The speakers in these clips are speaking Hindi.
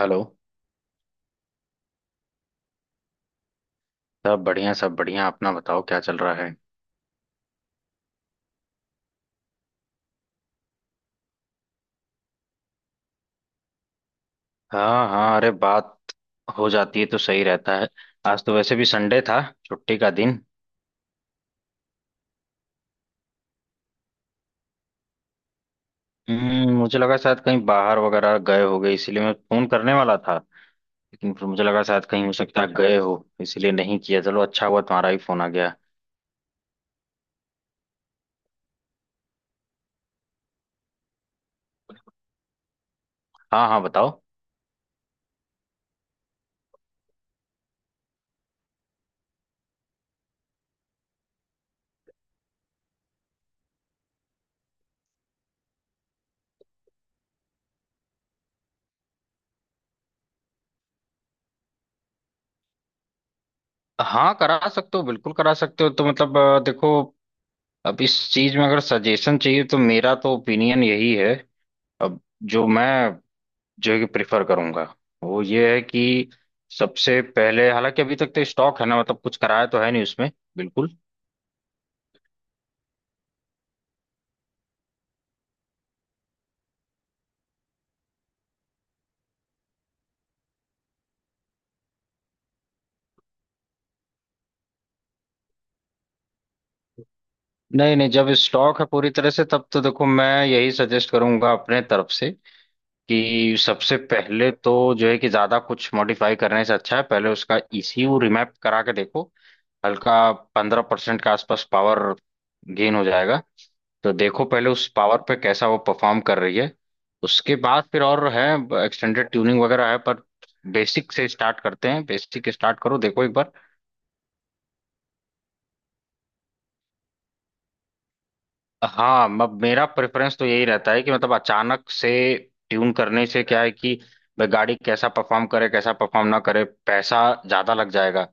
हेलो। सब बढ़िया सब बढ़िया, अपना बताओ क्या चल रहा है? हाँ हाँ, अरे बात हो जाती है तो सही रहता है। आज तो वैसे भी संडे था, छुट्टी का दिन। हम्म, मुझे लगा शायद कहीं बाहर वगैरह गए होगे, इसीलिए मैं फोन करने वाला था। लेकिन फिर मुझे लगा शायद कहीं हो सकता है गए हो, इसीलिए नहीं किया। चलो अच्छा हुआ तुम्हारा ही फोन आ गया। हाँ हाँ, बताओ। हाँ करा सकते हो, बिल्कुल करा सकते हो। तो मतलब देखो, अब इस चीज में अगर सजेशन चाहिए तो मेरा तो ओपिनियन यही है। अब जो मैं, जो कि प्रिफर करूंगा वो ये है कि सबसे पहले, हालांकि अभी तक तो स्टॉक है ना, मतलब कुछ कराया तो है नहीं उसमें। बिल्कुल। नहीं नहीं, जब स्टॉक है पूरी तरह से तब तो देखो मैं यही सजेस्ट करूंगा अपने तरफ से कि सबसे पहले तो जो है कि ज्यादा कुछ मॉडिफाई करने से अच्छा है पहले उसका ईसीयू रिमैप करा के देखो। हल्का 15% के आसपास पावर गेन हो जाएगा। तो देखो पहले उस पावर पे कैसा वो परफॉर्म कर रही है। उसके बाद फिर और है, एक्सटेंडेड ट्यूनिंग वगैरह है, पर बेसिक से स्टार्ट करते हैं। बेसिक स्टार्ट करो, देखो एक बार। हाँ, मेरा प्रेफरेंस तो यही रहता है कि मतलब अचानक से ट्यून करने से क्या है कि भाई गाड़ी कैसा परफॉर्म करे कैसा परफॉर्म ना करे, पैसा ज्यादा लग जाएगा।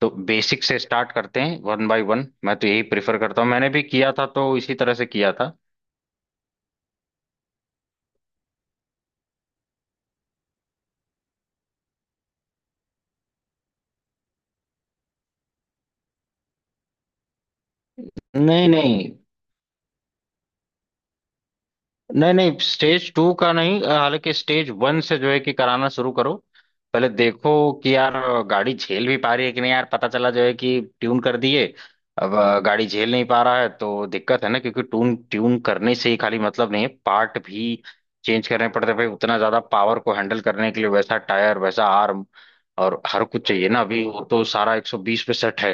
तो बेसिक से स्टार्ट करते हैं वन बाय वन। मैं तो यही प्रेफर करता हूँ, मैंने भी किया था तो इसी तरह से किया था। नहीं नहीं नहीं नहीं, स्टेज टू का नहीं। हालांकि स्टेज वन से जो है कि कराना शुरू करो। पहले देखो कि यार गाड़ी झेल भी पा रही है कि नहीं, यार पता चला जो है कि ट्यून कर दिए। अब गाड़ी झेल नहीं पा रहा है तो दिक्कत है ना, क्योंकि ट्यून ट्यून करने से ही खाली मतलब नहीं है, पार्ट भी चेंज करने पड़ते हैं भाई उतना ज्यादा पावर को हैंडल करने के लिए। वैसा टायर, वैसा आर्म और हर कुछ चाहिए ना। अभी वो तो सारा 120 पे सेट है।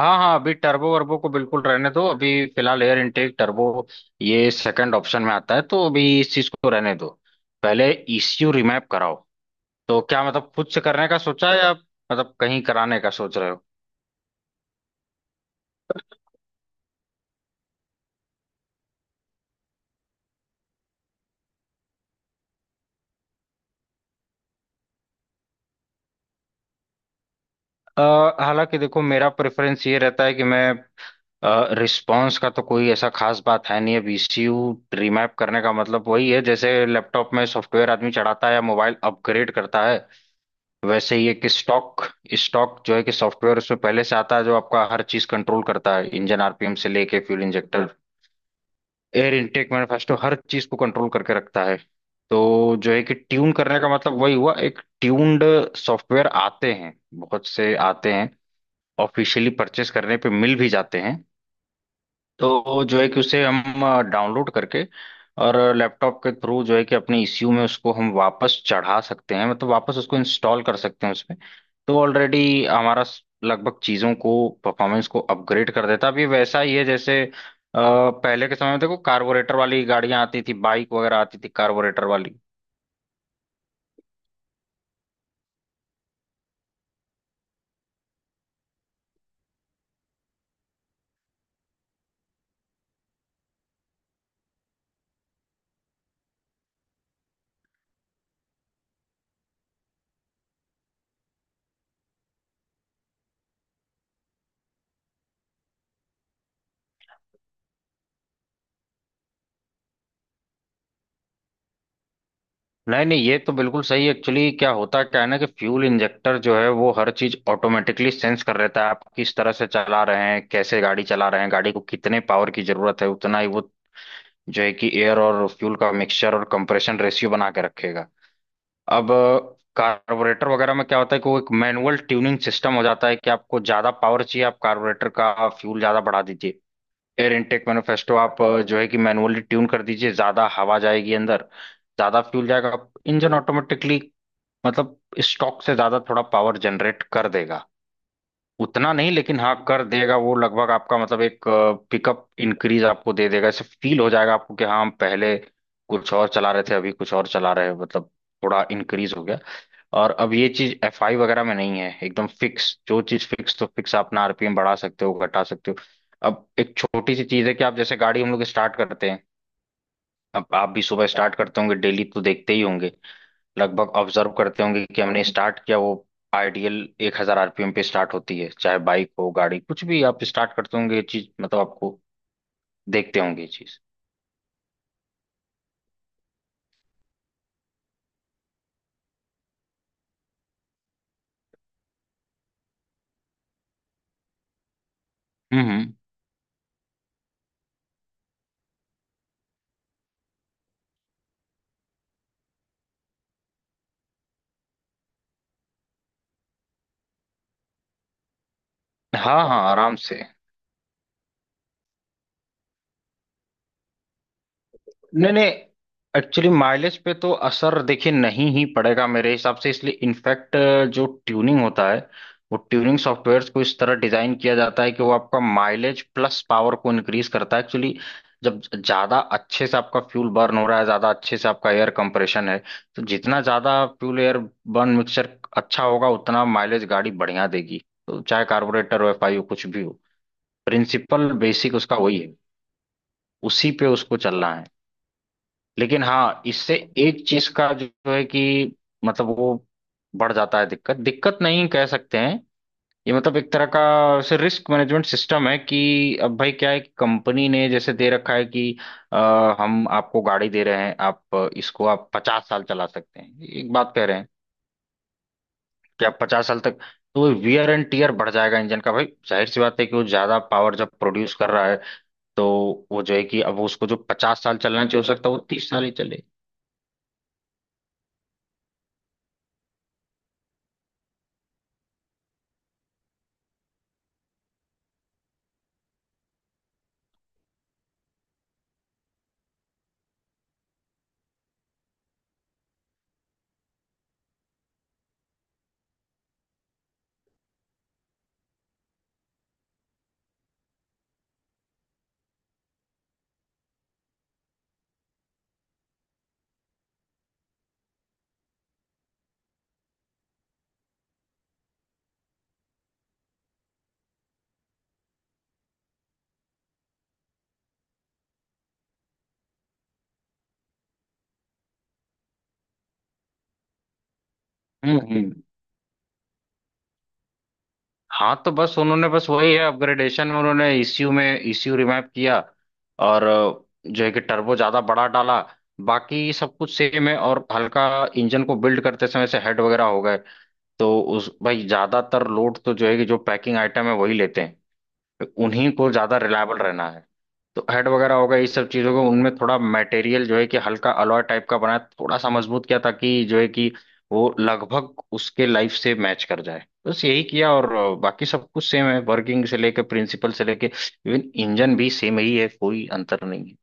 हाँ हाँ, अभी टर्बो वर्बो को बिल्कुल रहने दो अभी। फिलहाल एयर इनटेक टर्बो, ये सेकंड ऑप्शन में आता है तो अभी इस चीज को रहने दो। पहले ईसीयू रिमैप कराओ। तो क्या मतलब खुद से करने का सोचा है या मतलब कहीं कराने का सोच रहे हो? अ, हालांकि देखो मेरा प्रेफरेंस ये रहता है कि मैं, रिस्पांस का तो कोई ऐसा खास बात है नहीं। अब ईसीयू रिमैप करने का मतलब वही है जैसे लैपटॉप में सॉफ्टवेयर आदमी चढ़ाता है या मोबाइल अपग्रेड करता है। वैसे ही एक स्टॉक स्टॉक जो है कि सॉफ्टवेयर उसमें पहले से आता है जो आपका हर चीज कंट्रोल करता है, इंजन आरपीएम से लेके fuel injector, air intake manifesto, हर चीज को कंट्रोल करके रखता है। तो जो है कि ट्यून करने का मतलब वही हुआ, एक ट्यून्ड सॉफ्टवेयर आते हैं, बहुत से आते हैं, ऑफिशियली परचेस करने पे मिल भी जाते हैं। तो जो है कि उसे हम डाउनलोड करके और लैपटॉप के थ्रू जो है कि अपने ईसीयू में उसको हम वापस चढ़ा सकते हैं, मतलब वापस उसको इंस्टॉल कर सकते हैं उसमें। तो ऑलरेडी हमारा लगभग चीज़ों को, परफॉर्मेंस को अपग्रेड कर देता है। अब ये वैसा ही है जैसे पहले के समय में देखो कार्बोरेटर वाली गाड़ियां आती थी, बाइक वगैरह आती थी कार्बोरेटर वाली। नहीं नहीं, ये तो बिल्कुल सही। एक्चुअली क्या होता है, क्या है ना कि फ्यूल इंजेक्टर जो है वो हर चीज ऑटोमेटिकली सेंस कर लेता है, आप किस तरह से चला रहे हैं, कैसे गाड़ी चला रहे हैं, गाड़ी को कितने पावर की जरूरत है, उतना ही वो जो है कि एयर और फ्यूल का मिक्सचर और कंप्रेशन रेशियो बना के रखेगा। अब कार्बोरेटर वगैरह में क्या होता है कि वो एक मैनुअल ट्यूनिंग सिस्टम हो जाता है कि आपको ज्यादा पावर चाहिए आप कार्बोरेटर का फ्यूल ज्यादा बढ़ा दीजिए, एयर इनटेक मैनिफेस्टो आप जो है कि मैनुअली ट्यून कर दीजिए, ज्यादा हवा जाएगी अंदर, ज्यादा फ्यूल जाएगा, इंजन ऑटोमेटिकली मतलब स्टॉक से ज्यादा थोड़ा पावर जनरेट कर देगा। उतना नहीं लेकिन हाँ कर देगा वो, लगभग आपका मतलब एक पिकअप इंक्रीज आपको दे देगा, ऐसे फील हो जाएगा आपको कि हाँ, हम पहले कुछ और चला रहे थे अभी कुछ और चला रहे हैं, मतलब थोड़ा इंक्रीज हो गया। और अब ये चीज एफ आई वगैरह में नहीं है एकदम फिक्स, जो चीज फिक्स तो फिक्स, आप अपना आरपीएम बढ़ा सकते हो घटा सकते हो। अब एक छोटी सी चीज है कि आप जैसे गाड़ी हम लोग स्टार्ट करते हैं, अब आप भी सुबह स्टार्ट करते होंगे डेली तो देखते ही होंगे, लगभग ऑब्जर्व करते होंगे कि हमने स्टार्ट किया वो आइडियल 1000 आरपीएम पे स्टार्ट होती है, चाहे बाइक हो गाड़ी कुछ भी आप स्टार्ट करते होंगे, ये चीज मतलब आपको देखते होंगे ये चीज। हम्म। हाँ हाँ, आराम से। नहीं नहीं, एक्चुअली माइलेज पे तो असर देखिए नहीं ही पड़ेगा मेरे हिसाब से, इसलिए इनफैक्ट जो ट्यूनिंग होता है वो ट्यूनिंग सॉफ्टवेयर्स को इस तरह डिजाइन किया जाता है कि वो आपका माइलेज प्लस पावर को इंक्रीज करता है। एक्चुअली जब ज्यादा अच्छे से आपका फ्यूल बर्न हो रहा है, ज्यादा अच्छे से आपका एयर कंप्रेशन है, तो जितना ज्यादा फ्यूल एयर बर्न मिक्सचर अच्छा होगा उतना माइलेज गाड़ी बढ़िया देगी। तो चाहे कार्बोरेटर हो, एफ आई हो, कुछ भी हो, प्रिंसिपल बेसिक उसका वही है, उसी पे उसको चलना है। लेकिन हाँ, इससे एक चीज का जो है कि मतलब वो बढ़ जाता है, दिक्कत दिक्कत नहीं कह सकते हैं, ये मतलब एक तरह का वैसे रिस्क मैनेजमेंट सिस्टम है कि अब भाई क्या है कि कंपनी ने जैसे दे रखा है कि अ, हम आपको गाड़ी दे रहे हैं, आप इसको आप 50 साल चला सकते हैं, एक बात कह रहे हैं कि आप 50 साल तक, तो वो वियर एंड टीयर बढ़ जाएगा इंजन का भाई, जाहिर सी बात है कि वो ज्यादा पावर जब प्रोड्यूस कर रहा है तो वो जो है कि अब उसको जो 50 साल चलना चाहिए हो सकता है वो 30 साल ही चले। हम्म। हाँ तो बस उन्होंने, बस वही है अपग्रेडेशन में उन्होंने ईसीयू में ईसीयू रिमैप किया और जो है कि टर्बो ज्यादा बड़ा डाला, बाकी सब कुछ सेम है। और हल्का इंजन को बिल्ड करते समय से हेड वगैरह हो गए। तो उस भाई ज्यादातर लोड तो जो है कि जो पैकिंग आइटम है वही लेते हैं, उन्हीं को ज्यादा रिलायबल रहना है। तो हेड वगैरह होगा, ये सब चीजों को उनमें थोड़ा मटेरियल जो है कि हल्का अलॉय टाइप का बनाया, थोड़ा सा मजबूत किया ताकि जो है कि वो लगभग उसके लाइफ से मैच कर जाए। बस यही किया और बाकी सब कुछ सेम है, वर्किंग से लेके प्रिंसिपल से लेके, इवन इंजन भी सेम ही है, कोई अंतर नहीं है।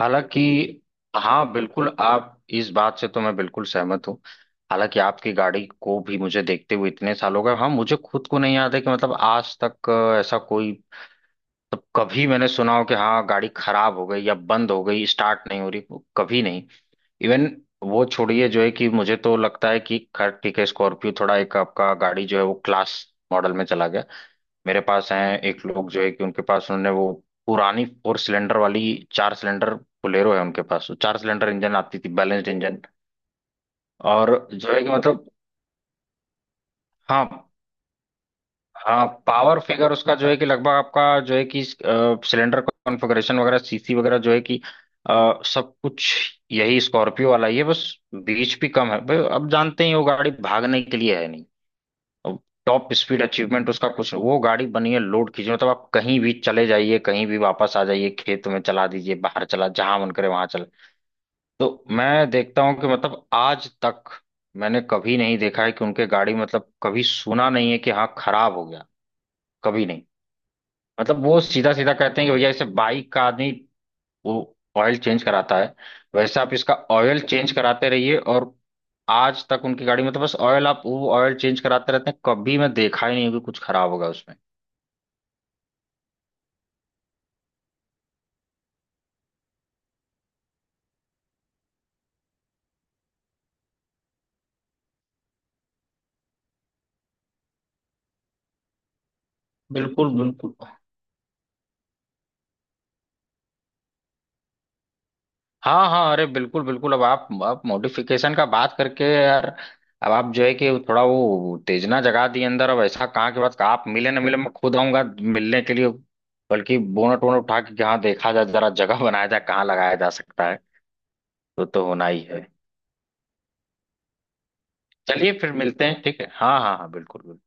हालांकि हाँ, बिल्कुल, आप, इस बात से तो मैं बिल्कुल सहमत हूँ। हालांकि आपकी गाड़ी को भी मुझे देखते हुए इतने साल हो गए, हाँ मुझे खुद को नहीं याद है कि मतलब आज तक ऐसा कोई तब कभी मैंने सुना हो कि हाँ गाड़ी खराब हो गई या बंद हो गई, स्टार्ट नहीं हो रही, वो कभी नहीं। इवन वो छोड़िए, जो है कि मुझे तो लगता है कि खैर ठीक है स्कॉर्पियो थोड़ा एक आपका गाड़ी जो है वो क्लास मॉडल में चला गया। मेरे पास हैं एक लोग जो है कि उनके पास, उन्होंने वो पुरानी फोर सिलेंडर वाली, चार सिलेंडर बोलेरो है उनके पास, वो चार सिलेंडर इंजन आती थी, बैलेंस्ड इंजन, और जो है कि मतलब, हाँ हाँ पावर फिगर उसका जो है कि लगभग आपका जो है कि सिलेंडर कॉन्फ़िगरेशन वगैरह, सीसी वगैरह जो है कि सब कुछ यही स्कॉर्पियो वाला ही है। बस बीच भी कम है भाई, अब जानते ही वो गाड़ी भागने के लिए है नहीं। अब टॉप स्पीड अचीवमेंट उसका कुछ नहीं। वो गाड़ी बनी है लोड खींचने, मतलब आप कहीं भी चले जाइए, कहीं भी वापस आ जाइए, खेत में चला दीजिए, बाहर चला, जहां मन करे वहां चले। तो मैं देखता हूँ कि मतलब आज तक मैंने कभी नहीं देखा है कि उनके गाड़ी, मतलब कभी सुना नहीं है कि हाँ खराब हो गया, कभी नहीं। मतलब वो सीधा सीधा कहते हैं कि भैया जैसे बाइक का आदमी वो ऑयल चेंज कराता है वैसे आप इसका ऑयल चेंज कराते रहिए, और आज तक उनकी गाड़ी में तो बस ऑयल, आप वो ऑयल चेंज कराते रहते हैं, कभी मैं देखा ही नहीं हूं कि कुछ खराब होगा उसमें। बिल्कुल बिल्कुल। हाँ हाँ अरे बिल्कुल बिल्कुल, अब आप मॉडिफिकेशन का बात करके यार, अब आप जो है कि थोड़ा वो तेजना जगा दी अंदर, अब ऐसा कहाँ के बाद कहा आप मिले ना मिले, मैं खुद आऊंगा मिलने के लिए, बल्कि बोनट वोनट उठा के कि हाँ देखा जाए जरा, जगह बनाया जाए कहाँ लगाया जा सकता है। वो तो होना ही है। चलिए फिर मिलते हैं, ठीक है, हाँ हाँ हाँ, बिल्कुल बिल्कुल।